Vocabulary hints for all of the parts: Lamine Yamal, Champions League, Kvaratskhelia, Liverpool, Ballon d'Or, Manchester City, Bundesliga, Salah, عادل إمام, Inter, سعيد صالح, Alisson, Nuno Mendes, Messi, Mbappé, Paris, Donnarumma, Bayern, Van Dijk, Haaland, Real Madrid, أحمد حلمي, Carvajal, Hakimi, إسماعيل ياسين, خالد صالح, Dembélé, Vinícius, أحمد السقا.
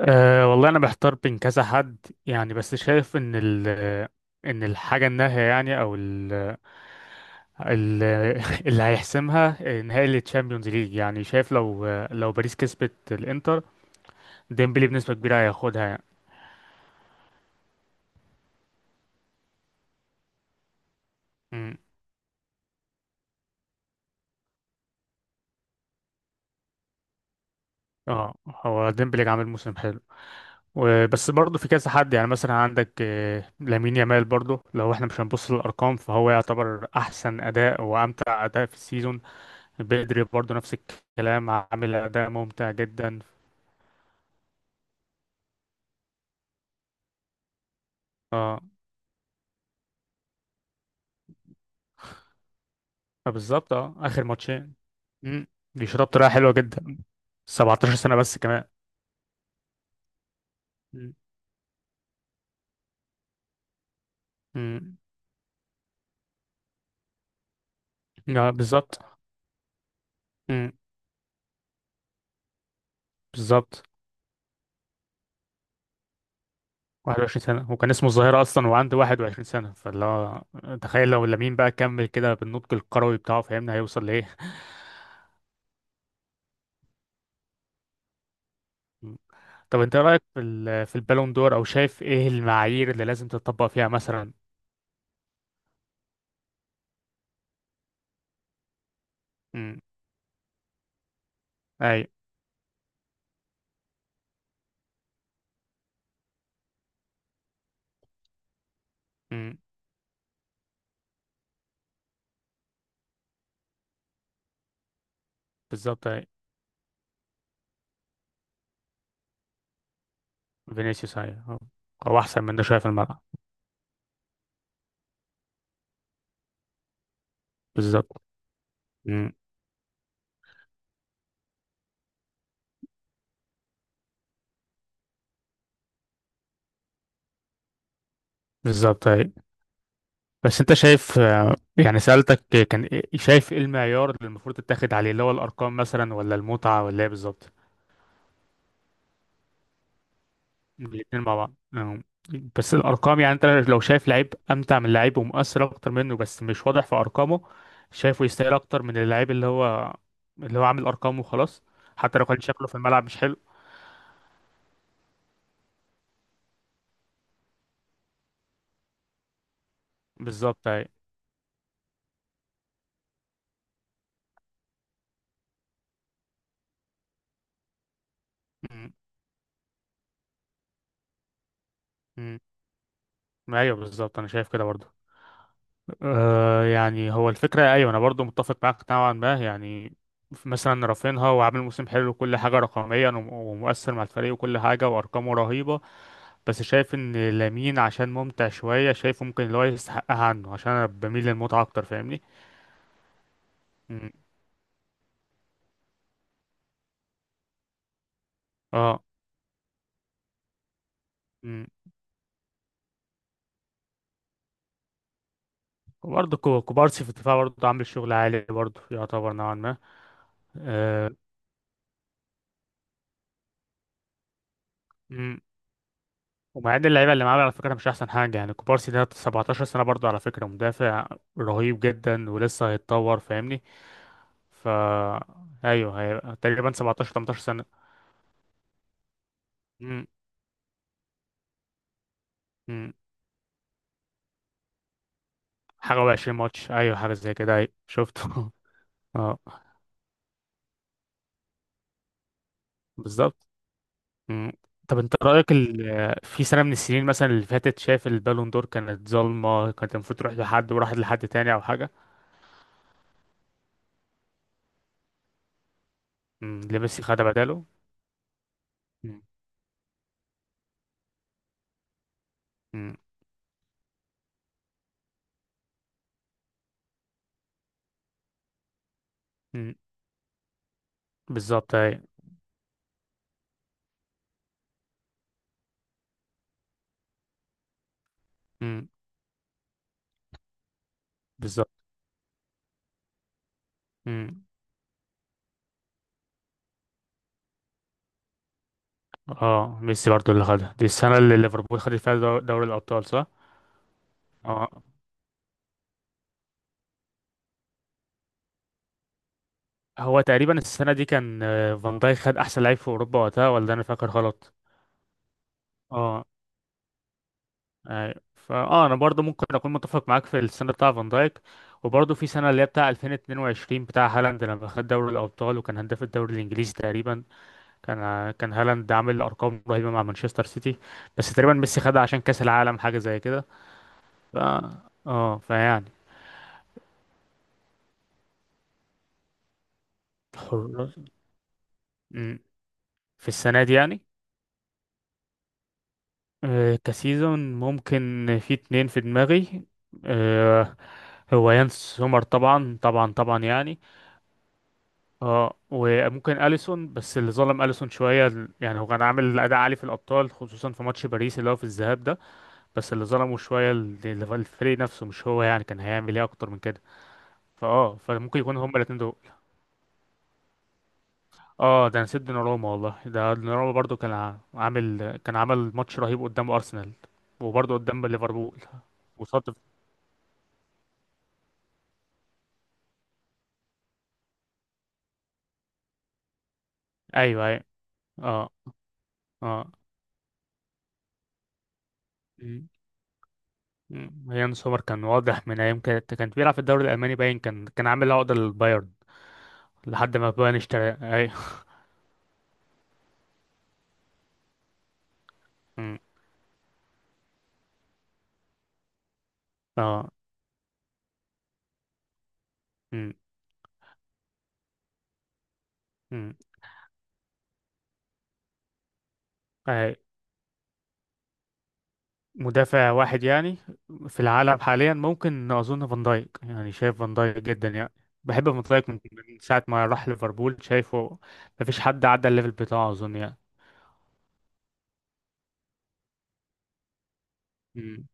أه، والله انا بحتار بين كذا حد. يعني بس شايف ان ال ان الحاجه النهائيه، يعني، او ال ال اللي هيحسمها نهائي التشامبيونز ليج. يعني شايف لو باريس كسبت الانتر، ديمبلي بنسبه كبيره هياخدها يعني. أمم، اه، هو ديمبلي عامل موسم حلو. وبس برضه في كذا حد، يعني مثلا عندك لامين يامال برضه. لو احنا مش هنبص للارقام فهو يعتبر احسن اداء وامتع اداء في السيزون. بدري برضه نفس الكلام، عامل اداء ممتع جدا. اه. بالظبط، اه، اخر ماتشين. مم. بيشرب بطريقه حلوه جدا. 17 سنه بس كمان. مم. مم. لا، بالظبط. مم. بالظبط. 21 سنه وكان اسمه الظاهره اصلا وعنده 21 سنه، فاللي هو تخيل لو لامين بقى كمل كده بالنضج الكروي بتاعه، فاهمنا هيوصل لايه. مم. طب انت إيه رايك في في البالون دور؟ او شايف ايه المعايير اللي لازم تطبق فيها مثلا؟ مم. اي. مم. بالظبط، اي. فينيسيوس، اي، هو. هو احسن من ده شويه في الملعب. بالظبط. مم. بالظبط، اي. بس انت شايف، يعني سألتك كان شايف ايه المعيار اللي المفروض تتاخد عليه؟ اللي هو الارقام مثلا ولا المتعة ولا ايه بالظبط؟ الاتنين مع بعض، اه. بس الارقام، يعني انت لو شايف لعيب امتع من لعيب ومؤثر اكتر منه بس مش واضح في ارقامه، شايفه يستاهل اكتر من اللعيب اللي هو عامل ارقام وخلاص؟ حتى لو كان شكله في الملعب مش حلو. بالظبط، ايوه. م- م. ايوه، بالظبط، انا شايف كده برضه. آه، يعني هو الفكرة أيوة، أنا برضو متفق معاك نوعا ما. يعني مثلا رافينها، وعامل موسم حلو وكل حاجة رقميا ومؤثر مع الفريق وكل حاجة وأرقامه رهيبة. بس شايف إن لامين عشان ممتع شوية شايفه ممكن اللي هو يستحقها عنه، عشان أنا بميل للمتعة أكتر، فاهمني؟ مم. اه. مم. وبرضه كوبارسي في الدفاع برضه عامل شغل عالي، برضه يعتبر نوعا ما. آه. ومعاد اللعيبه اللي معاه على فكره مش احسن حاجه. يعني كوبارسي ده 17 سنه برضه على فكره، مدافع رهيب جدا ولسه هيتطور، فاهمني؟ ف ايوه، هيبقى تقريبا 17 18 سنه. امم. امم. حاجه و20 ماتش، ايوه حاجه زي كده، ايوه شفته. اه. بالظبط. امم. طب انت رايك في سنه من السنين مثلا اللي فاتت شايف البالون دور كانت ظالمه، كانت المفروض تروح لحد وراحت لحد تاني او حاجه؟ امم، اللي ميسي خدها بداله. امم. امم. امم. بالظبط، ايوه. امم. بالظبط. مم. اه، ميسي برضو اللي خدها، دي السنة اللي ليفربول خدت فيها دوري الأبطال، صح؟ اه. هو تقريبا السنة دي كان، فان دايك خد أحسن لعيب في أوروبا وقتها، ولا أنا فاكر غلط؟ اه. أي. فاه، أنا برضو ممكن أكون متفق معاك في السنة بتاع فان دايك. وبرضو في سنة اللي هي بتاع 2022 بتاع هالاند، لما خد دوري الأبطال وكان هداف الدوري الإنجليزي تقريبا. كان هالاند عامل أرقام رهيبة مع مانشستر سيتي. بس تقريبا ميسي خدها عشان كأس العالم حاجة زي كده. ف اه، فيعني. حر- م. في السنة دي يعني. كسيزون ممكن في اتنين في دماغي. آه، هو يانس سومر، طبعا طبعا طبعا يعني. اه، وممكن اليسون. بس اللي ظلم اليسون شويه يعني هو كان عامل اداء عالي في الابطال، خصوصا في ماتش باريس اللي هو في الذهاب ده. بس اللي ظلمه شويه الفريق نفسه، مش هو. يعني كان هيعمل ايه اكتر من كده؟ فاه، فممكن يكون هما الاتنين دول. اه، ده نسيت دوناروما والله. ده دوناروما برضو كان عامل، كان عمل ماتش رهيب قدام ارسنال. وبرضه قدام ليفربول. وصد. ايوه ايوه. اه. اه. مم. مم. يان سومر كان واضح من ايام كانت كان بيلعب في الدوري الالماني، باين كان عامل عقده للبايرن لحد ما بايرن اشترى، اي. مم. اه. مم. مم. اي، مدافع واحد يعني في العالم حاليا؟ ممكن اظن فان دايك. يعني شايف فان دايك جدا يعني. بحب فان دايك من، من ساعة ما راح ليفربول شايفه مفيش حد عدى الليفل بتاعه اظن. يعني.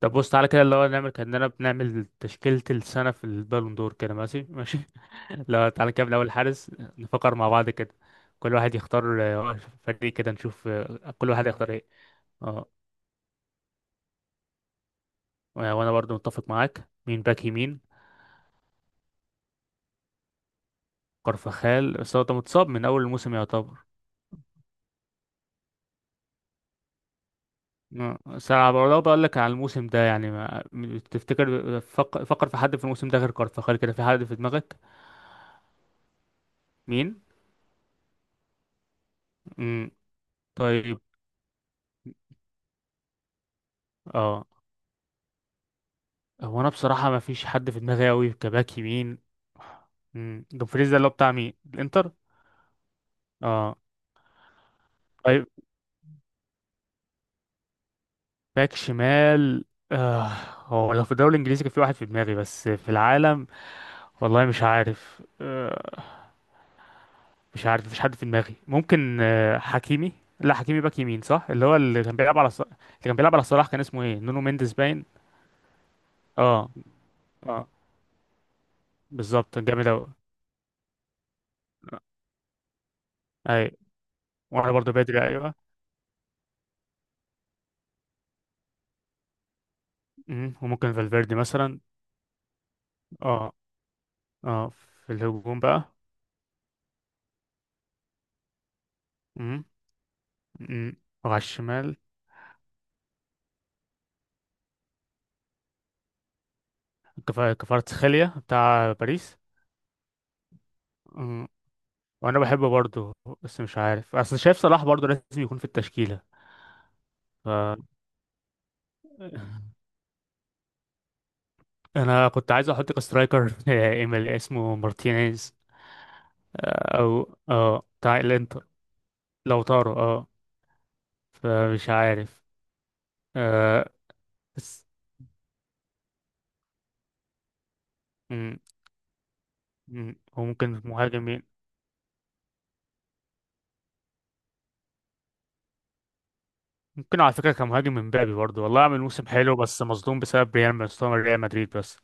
طب بص، تعالى كده، اللي هو نعمل كأننا بنعمل تشكيلة السنة في البالون دور كده، ماشي ماشي. لا، تعالى كده من أول حارس. نفكر مع بعض كده، كل واحد يختار. آه، فريق كده نشوف كل واحد هيختار ايه. اه، وأنا برضو متفق معاك. مين باك يمين؟ كارفاخال، بس هو ده متصاب من أول الموسم يعتبر. آه، بس أنا برضه بقول لك على الموسم ده، يعني تفتكر، فكر في حد في الموسم ده غير كارفاخال كده، في حد في دماغك؟ مين؟ مم. طيب. اه. هو انا بصراحه ما فيش حد في دماغي قوي كباك يمين. مم، دومفريز ده اللي هو بتاع مين، الانتر؟ اه. طيب. باك شمال، آه، هو لو في الدوري الانجليزي كان في واحد في دماغي، بس في العالم والله مش عارف، آه، مش عارف مفيش حد في دماغي. ممكن آه حكيمي. لا، حكيمي باك يمين صح. اللي هو اللي كان بيلعب على اللي كان بيلعب على صلاح، كان اسمه ايه، نونو مينديز باين. اه. اه. بالظبط، جامد اوي. اي. وانا برضه بدري، ايوه. مم، وممكن فالفيردي مثلا. اه. اه. في الهجوم بقى. امم. امم. وعلى الشمال، كفاراتسخيليا بتاع باريس. امم. وانا بحبه برضه. بس مش عارف، اصل شايف صلاح برضه لازم يكون في التشكيله. ف انا كنت عايز احط كسترايكر ايميل، اسمه مارتينيز. آه، او اه بتاع الانتر. لو طاروا، اه. فمش عارف. آه. بس. مم، مم، وممكن مهاجم مين؟ ممكن على فكره كمهاجم امبابي برضه، والله عامل موسم حلو، بس مظلوم بسبب ريال، مستوى ريال مدريد بس.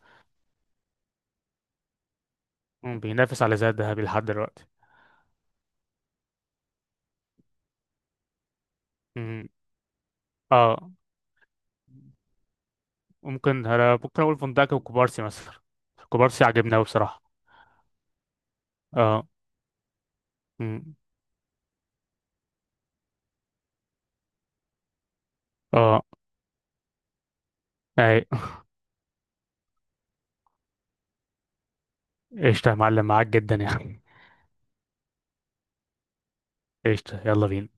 مم، بينافس على زاد ذهبي لحد دلوقتي. مم. اه، ممكن، انا ممكن اقول فندق وكوبارسي مثلا. كوبارسي عجبني قوي بصراحه. اه. مم. اه. اي. قشطه يا معلم، معاك جدا يعني. قشطه، يلا بينا.